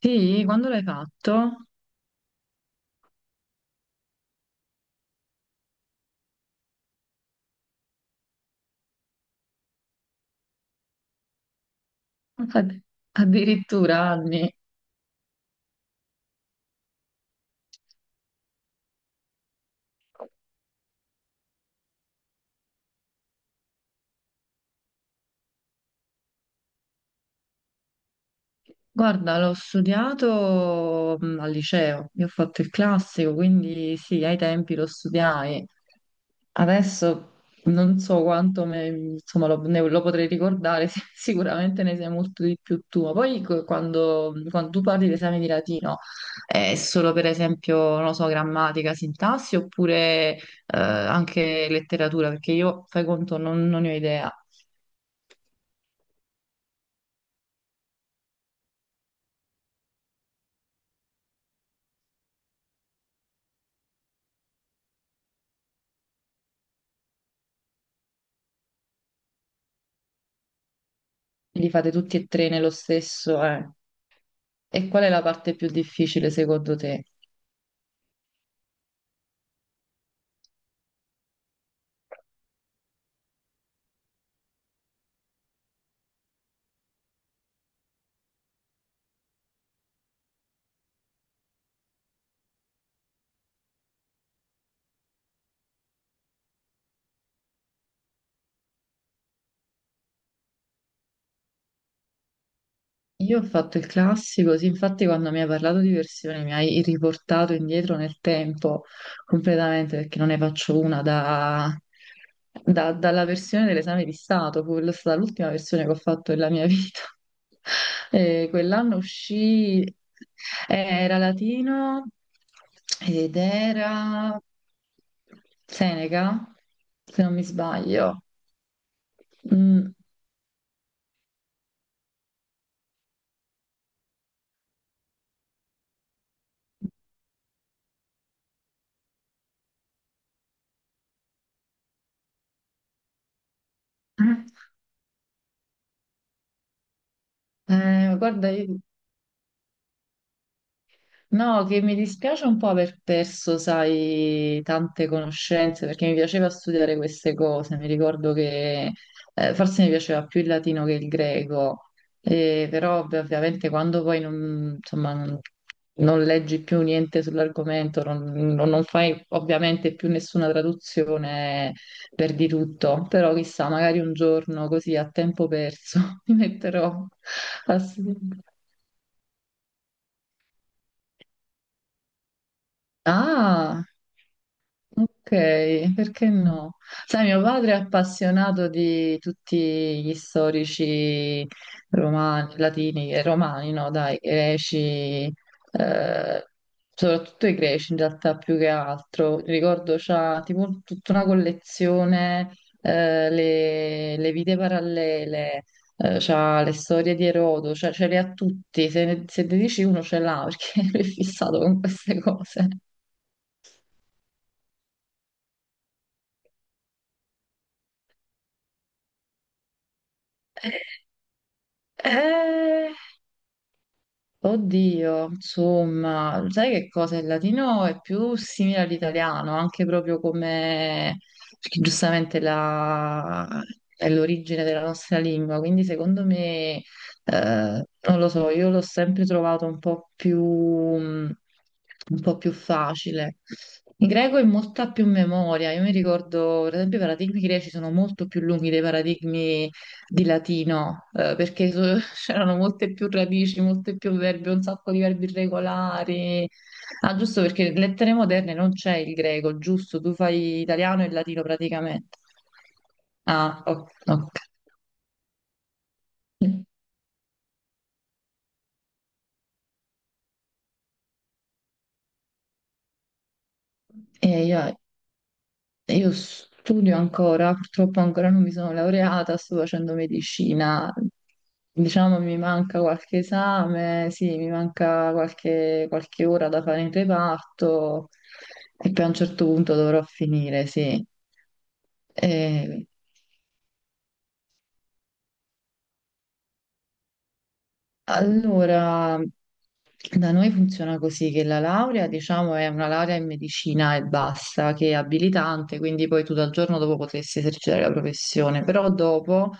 Sì, quando l'hai fatto? Ad- Addirittura anni. Guarda, l'ho studiato al liceo, io ho fatto il classico, quindi sì, ai tempi lo studiai. Adesso non so insomma, lo potrei ricordare, sì, sicuramente ne sai molto di più tu. Ma poi quando, quando tu parli di esami di latino, è solo per esempio, non lo so, grammatica, sintassi oppure anche letteratura? Perché io, fai conto, non ne ho idea. Li fate tutti e tre nello stesso, eh. E qual è la parte più difficile secondo te? Io ho fatto il classico, sì, infatti quando mi hai parlato di versioni mi hai riportato indietro nel tempo completamente perché non ne faccio una dalla versione dell'esame di Stato, fu stata l'ultima versione che ho fatto della mia vita. E quell'anno uscì, era latino ed era Seneca, se non mi sbaglio. Mm. Guarda, io No, che mi dispiace un po' aver perso, sai, tante conoscenze, perché mi piaceva studiare queste cose. Mi ricordo che forse mi piaceva più il latino che il greco. Però ovviamente quando poi non, insomma, non, non leggi più niente sull'argomento, non fai ovviamente più nessuna traduzione, perdi tutto. Però chissà, magari un giorno così a tempo perso mi metterò a studiare. Ah! Ok, perché no? Sai, mio padre è appassionato di tutti gli storici romani, latini e romani, no, dai, greci, eh, soprattutto i greci in realtà più che altro. Ricordo c'ha tipo tutta una collezione, le vite parallele, c'ha le storie di Erodo, cioè ce le ha tutti, se ne dici uno ce l'ha perché lui è fissato con queste cose. Eh, Oddio, insomma, sai che cosa? Il latino è più simile all'italiano, anche proprio come, perché giustamente è l'origine della nostra lingua, quindi secondo me, non lo so, io l'ho sempre trovato un po' più, un po' più facile. In greco è molta più memoria, io mi ricordo, per esempio, i paradigmi greci sono molto più lunghi dei paradigmi di latino, c'erano molte più radici, molte più verbi, un sacco di verbi irregolari. Ah, giusto perché lettere moderne non c'è il greco, giusto? Tu fai italiano e latino praticamente. Ah, ok. Ok. E io- Io studio ancora, purtroppo ancora non mi sono laureata, sto facendo medicina. Diciamo mi manca qualche esame, sì, mi manca qualche ora da fare in reparto e poi a un certo punto dovrò finire, sì. E, allora, da noi funziona così che la laurea, diciamo, è una laurea in medicina e basta, che è abilitante, quindi poi tu dal giorno dopo potresti esercitare la professione, però dopo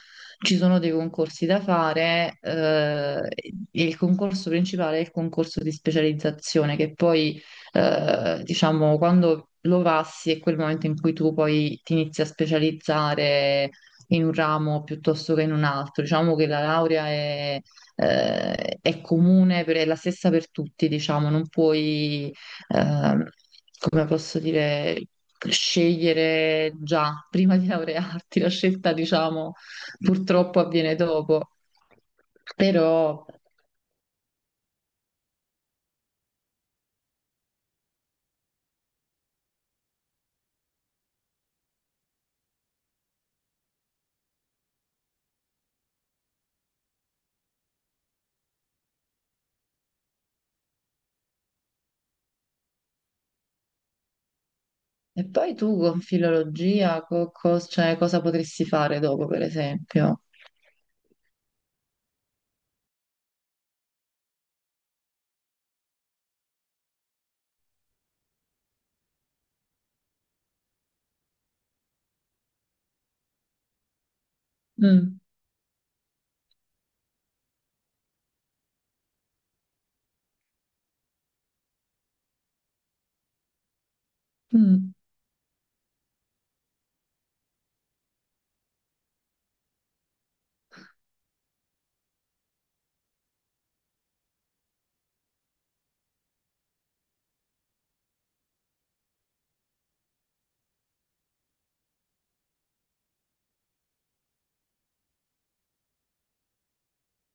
ci sono dei concorsi da fare, e il concorso principale è il concorso di specializzazione, che poi, diciamo, quando lo passi è quel momento in cui tu poi ti inizi a specializzare in un ramo piuttosto che in un altro. Diciamo che la laurea è comune, è la stessa per tutti, diciamo, non puoi, ehm, come posso dire, scegliere già prima di laurearti, la scelta, diciamo, purtroppo avviene dopo. Però, e poi tu con filologia, cioè, cosa potresti fare dopo, per esempio? Mm, mm.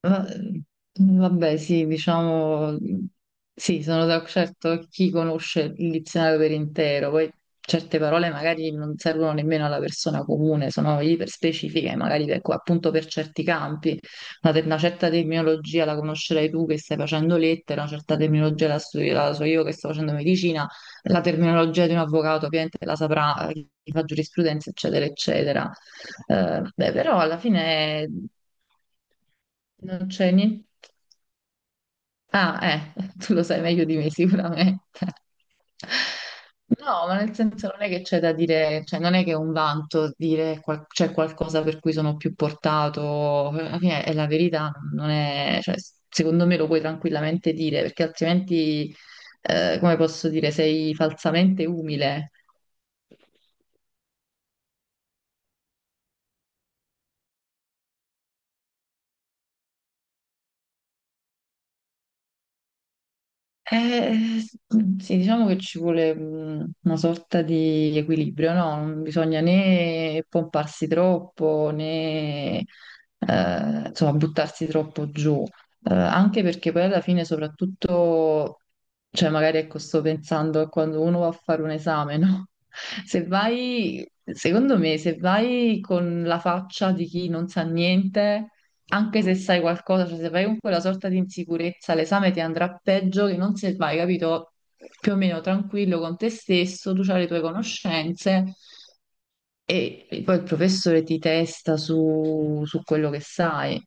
Ma- Vabbè, sì, diciamo, sì, certo chi conosce il dizionario per intero, poi certe parole magari non servono nemmeno alla persona comune, sono iperspecifiche, magari per, appunto per certi campi, una certa terminologia la conoscerai tu che stai facendo lettere, una certa terminologia la so io che sto facendo medicina, la terminologia di un avvocato ovviamente la saprà chi fa giurisprudenza, eccetera, eccetera. Beh, però alla fine non c'è niente. Ah, tu lo sai meglio di me sicuramente. No, ma nel senso non è che c'è da dire, cioè non è che è un vanto dire c'è qualcosa per cui sono più portato, alla fine è la verità, non è, cioè, secondo me lo puoi tranquillamente dire, perché altrimenti, come posso dire, sei falsamente umile. Eh, eh, sì, diciamo che ci vuole una sorta di equilibrio, no? Non bisogna né pomparsi troppo né insomma, buttarsi troppo giù. Anche perché poi alla fine, soprattutto, cioè magari ecco, sto pensando a quando uno va a fare un esame, no? Se vai, secondo me, se vai con la faccia di chi non sa niente anche se sai qualcosa, cioè se vai con quella sorta di insicurezza, l'esame ti andrà peggio che non se vai, capito? Più o meno tranquillo con te stesso, tu hai le tue conoscenze e poi il professore ti testa su, su quello che sai.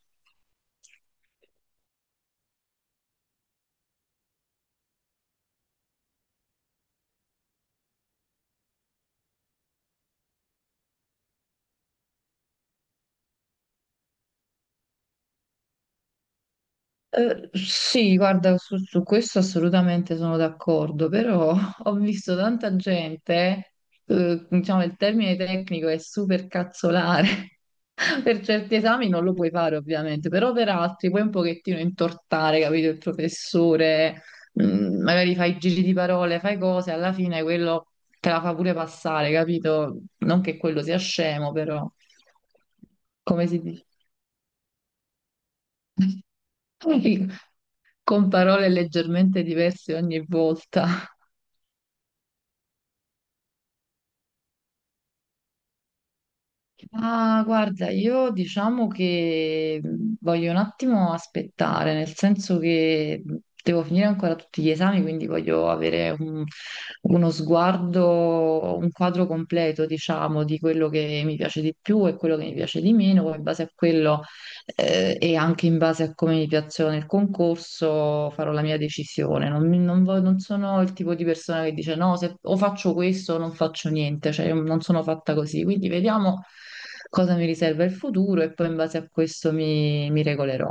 Sì, guarda, su, su questo assolutamente sono d'accordo, però ho visto tanta gente, diciamo il termine tecnico è super cazzolare. Per certi esami non lo puoi fare ovviamente, però per altri puoi un pochettino intortare, capito, il professore, mm, magari fai giri di parole, fai cose, alla fine quello te la fa pure passare, capito? Non che quello sia scemo, però come si dice? Con parole leggermente diverse ogni volta. Ah, guarda, io diciamo che voglio un attimo aspettare, nel senso che devo finire ancora tutti gli esami, quindi voglio avere uno sguardo, un quadro completo, diciamo, di quello che mi piace di più e quello che mi piace di meno, poi in base a quello e anche in base a come mi piacciono nel concorso farò la mia decisione. Non, mi- non vo- non sono il tipo di persona che dice no, se, o faccio questo o non faccio niente, cioè io non sono fatta così. Quindi vediamo cosa mi riserva il futuro e poi in base a questo mi regolerò.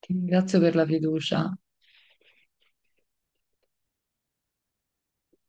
Ti ringrazio per la fiducia.